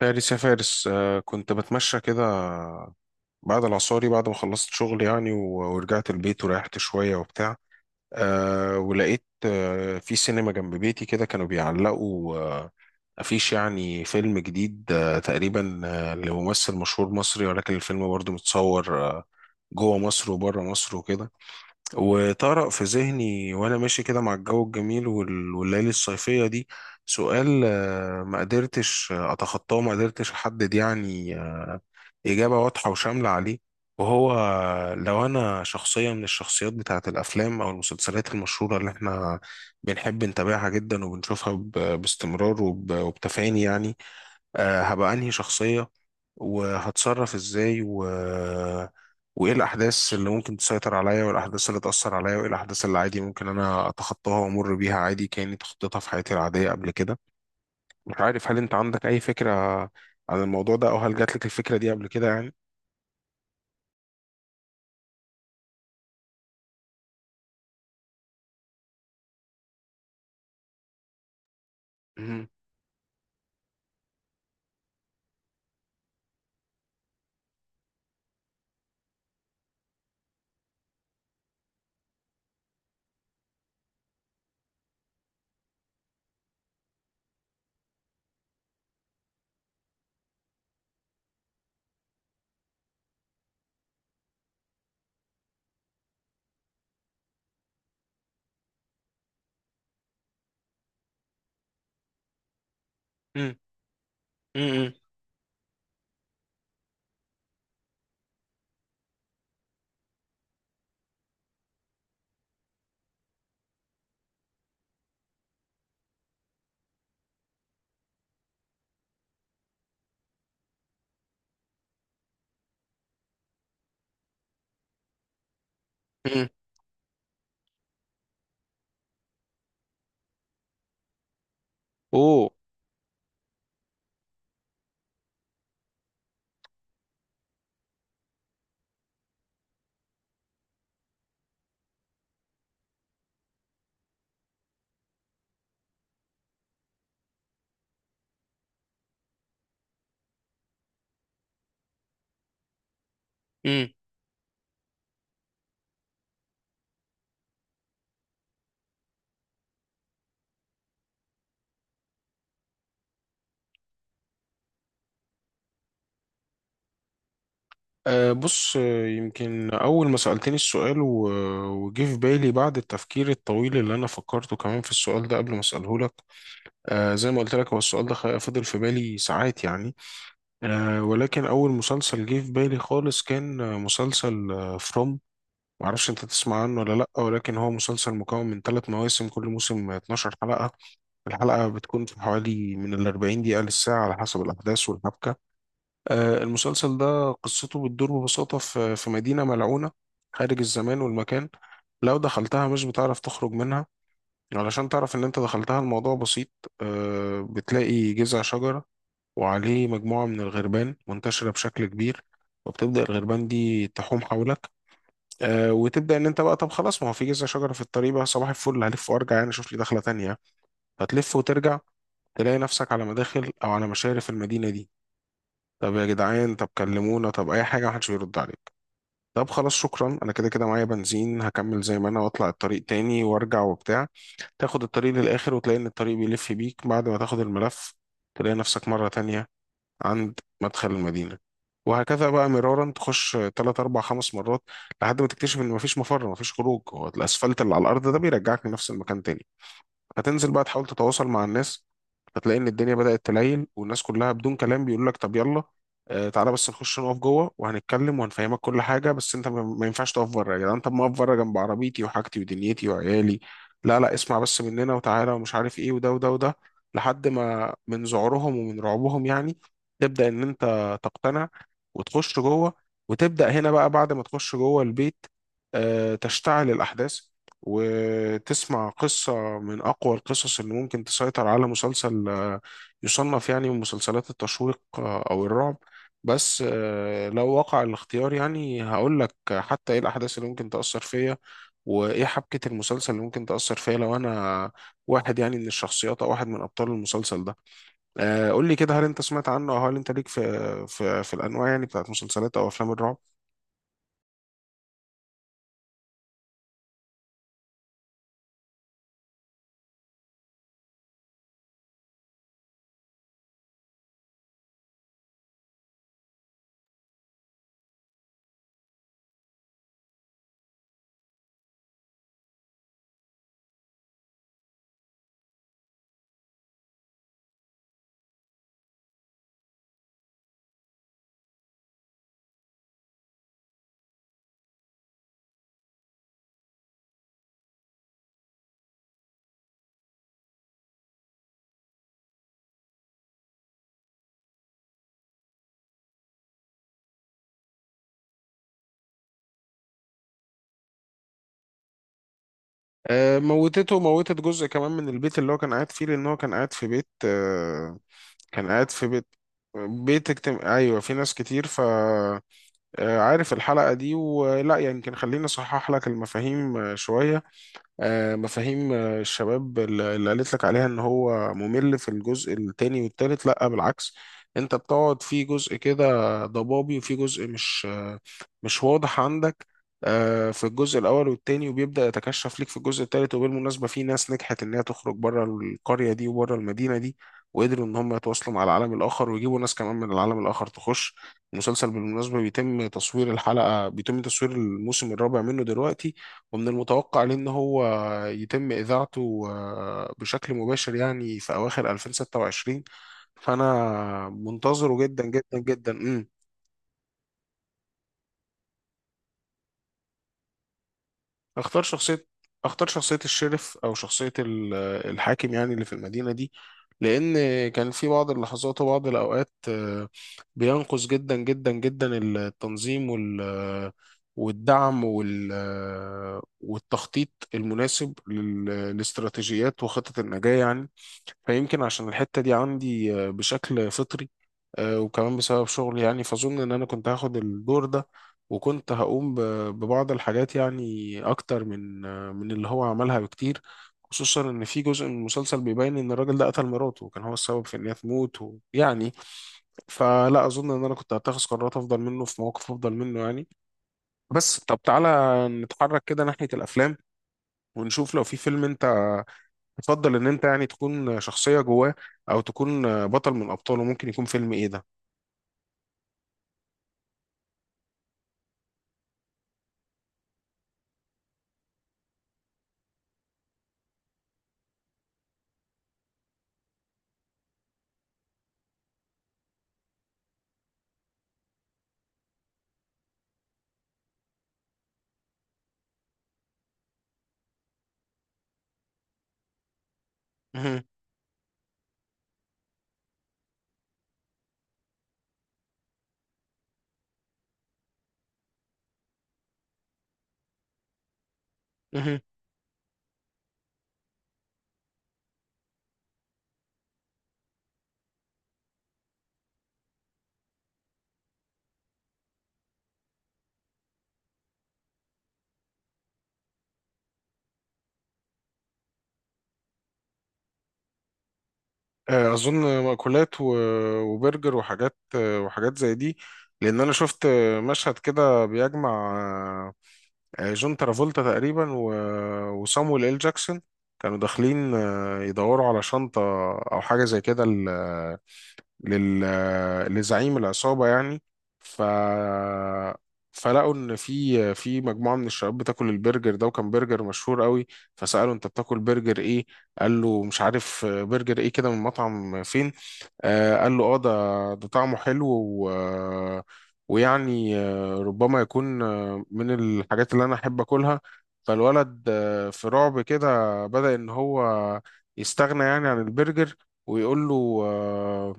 فارس يا فارس، كنت بتمشى كده بعد العصاري، بعد ما خلصت شغل يعني و- ورجعت البيت وريحت شوية وبتاع. ولقيت في سينما جنب بيتي كده كانوا بيعلقوا أفيش يعني فيلم جديد، تقريبا لممثل مشهور مصري، ولكن الفيلم برضه متصور جوه مصر وبره مصر وكده. وطرق في ذهني وانا ماشي كده مع الجو الجميل وال- والليالي الصيفية دي سؤال ما قدرتش اتخطاه، ما قدرتش احدد يعني إجابة واضحة وشاملة عليه. وهو، لو أنا شخصية من الشخصيات بتاعة الأفلام أو المسلسلات المشهورة اللي إحنا بنحب نتابعها جدا وبنشوفها باستمرار وب- وبتفاني يعني، هبقى أنهي شخصية؟ وهتصرف ازاي و... وايه الاحداث اللي ممكن تسيطر عليا، والاحداث اللي تاثر عليا، وايه الاحداث اللي عادي ممكن انا اتخطاها وامر بيها عادي كاني تخطيتها في حياتي العاديه قبل كده؟ مش عارف هل انت عندك اي فكره عن الموضوع ده، او هل جات لك الفكره دي قبل كده يعني؟ مم. مم. مم. مم. اوه. مم. أه، بص، يمكن أول ما سألتني السؤال و- وجه في بالي بعد التفكير الطويل اللي أنا فكرته كمان في السؤال ده قبل ما أسأله لك. زي ما قلت لك، هو السؤال ده فضل في بالي ساعات يعني. ولكن أول مسلسل جه في بالي خالص كان مسلسل فروم. معرفش أنت تسمع عنه ولا لأ، ولكن هو مسلسل مكون من ثلاث مواسم، كل موسم 12 حلقة. الحلقة بتكون في حوالي من ال 40 دقيقة للساعة على حسب الأحداث والحبكة. المسلسل ده قصته بتدور ببساطة في مدينة ملعونة خارج الزمان والمكان. لو دخلتها مش بتعرف تخرج منها. يعني علشان تعرف ان انت دخلتها الموضوع بسيط. بتلاقي جذع شجرة وعليه مجموعة من الغربان منتشرة بشكل كبير، وبتبدأ الغربان دي تحوم حولك. وتبدأ ان انت بقى، طب خلاص، ما هو في جذع شجرة في الطريق، بقى صباح الفل، هلف وارجع يعني، اشوف لي دخلة تانية. هتلف وترجع تلاقي نفسك على مداخل او على مشارف المدينة دي. طب يا جدعان، طب كلمونا، طب اي حاجة، محدش بيرد عليك. طب خلاص، شكرا، انا كده كده معايا بنزين، هكمل زي ما انا واطلع الطريق تاني وارجع وبتاع. تاخد الطريق للآخر وتلاقي إن الطريق بيلف بيك. بعد ما تاخد الملف تلاقي نفسك مرة تانية عند مدخل المدينة. وهكذا بقى مرارا، تخش تلات أربع خمس مرات لحد ما تكتشف إن مفيش مفر، مفيش خروج. هو الأسفلت اللي على الأرض ده بيرجعك لنفس المكان تاني. هتنزل بقى تحاول تتواصل مع الناس، هتلاقي ان الدنيا بدأت تليل، والناس كلها بدون كلام بيقول لك، طب يلا تعالى بس نخش نقف جوه وهنتكلم وهنفهمك كل حاجه، بس انت ما ما ينفعش تقف بره يا جدعان. طب ما اقف بره جنب عربيتي وحاجتي ودنيتي وعيالي. لا لا، اسمع بس مننا وتعالى ومش عارف ايه، وده وده وده. لحد ما من ذعورهم ومن رعبهم يعني تبدأ ان انت تقتنع وتخش جوه. وتبدأ هنا بقى بعد ما تخش جوه البيت، تشتعل الأحداث وتسمع قصة من أقوى القصص اللي ممكن تسيطر على مسلسل يصنف يعني من مسلسلات التشويق أو الرعب. بس لو وقع الاختيار يعني هقول لك حتى إيه الأحداث اللي ممكن تأثر فيا، وإيه حبكة المسلسل اللي ممكن تأثر فيا لو أنا واحد يعني من الشخصيات أو واحد من أبطال المسلسل ده. قول لي كده، هل أنت سمعت عنه، أو هل أنت ليك في في الأنواع يعني بتاعت مسلسلات أو أفلام الرعب؟ موتته وموتت جزء كمان من البيت اللي هو كان قاعد فيه، لان هو كان قاعد في بيت، كان قاعد في بيت اجتماع، ايوه، في ناس كتير. عارف الحلقة دي ولا؟ يمكن خليني اصحح لك المفاهيم شوية، مفاهيم. الشباب اللي قالت لك عليها ان هو ممل في الجزء التاني والتالت، لا بالعكس. انت بتقعد في جزء كده ضبابي وفي جزء مش واضح عندك في الجزء الاول والتاني، وبيبدأ يتكشف ليك في الجزء التالت. وبالمناسبة، في ناس نجحت ان هي تخرج بره القرية دي وبره المدينة دي، وقدروا ان هم يتواصلوا مع العالم الاخر ويجيبوا ناس كمان من العالم الاخر تخش. المسلسل بالمناسبة بيتم تصوير الموسم الرابع منه دلوقتي، ومن المتوقع عليه ان هو يتم إذاعته بشكل مباشر يعني في أواخر 2026. فأنا منتظره جدا جدا جدا. اختار شخصية اختار شخصية الشرف، أو شخصية ال- الحاكم يعني اللي في المدينة دي. لأن كان في بعض اللحظات وبعض الأوقات بينقص جدا جدا جدا التنظيم وال والدعم وال آه، والتخطيط المناسب لل- لاستراتيجيات وخطط النجاة يعني. فيمكن عشان الحتة دي عندي بشكل فطري، وكمان بسبب شغلي يعني، فأظن إن أنا كنت هاخد الدور ده. وكنت هقوم ب- ببعض الحاجات يعني أكتر من اللي هو عملها بكتير، خصوصا إن في جزء من المسلسل بيبين إن الراجل ده قتل مراته وكان هو السبب في إن هي تموت، ويعني فلا أظن إن أنا كنت هتخذ قرارات أفضل منه في مواقف أفضل منه يعني. بس طب تعالى نتحرك كده ناحية الأفلام، ونشوف لو في فيلم أنت تفضل ان انت يعني تكون شخصية جواه، او تكون بطل من ابطاله. ممكن يكون فيلم ايه ده؟ مهم. مهم. اظن مأكولات و- وبرجر وحاجات، وحاجات زي دي. لان انا شفت مشهد كده بيجمع آه، جون ترافولتا تقريبا و- وصامويل ال جاكسون. كانوا داخلين يدوروا على شنطة او حاجة زي كده لل... لزعيم العصابة يعني. ف فلقوا ان في مجموعه من الشباب بتاكل البرجر ده، وكان برجر مشهور قوي. فسالوا، انت بتاكل برجر ايه؟ قال له، مش عارف، برجر ايه كده من مطعم فين. قال له، اه ده طعمه حلو و... ويعني ربما يكون من الحاجات اللي انا احب اكلها. فالولد في رعب كده بدأ ان هو يستغنى يعني عن البرجر، ويقول له آه،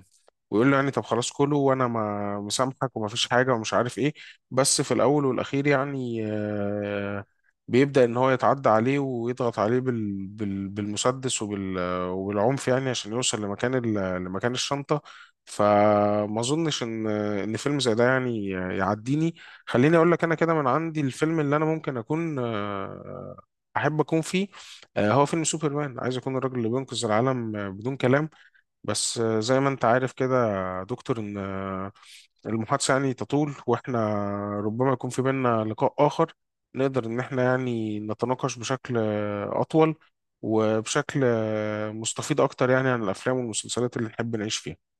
ويقول له يعني، طب خلاص كله، وانا ما مسامحك وما فيش حاجه ومش عارف ايه. بس في الاول والاخير يعني بيبدا ان هو يتعدى عليه ويضغط عليه بالمسدس وبالعنف يعني عشان يوصل لمكان الشنطه. فما اظنش ان فيلم زي ده يعني يعديني. خليني اقول لك انا كده من عندي الفيلم اللي انا ممكن اكون احب اكون فيه. هو فيلم سوبرمان، عايز اكون الراجل اللي بينقذ العالم بدون كلام. بس زي ما انت عارف كده يا دكتور، ان المحادثة يعني تطول، واحنا ربما يكون في بيننا لقاء آخر نقدر ان احنا يعني نتناقش بشكل أطول وبشكل مستفيض أكتر يعني عن الأفلام والمسلسلات اللي نحب نعيش فيها.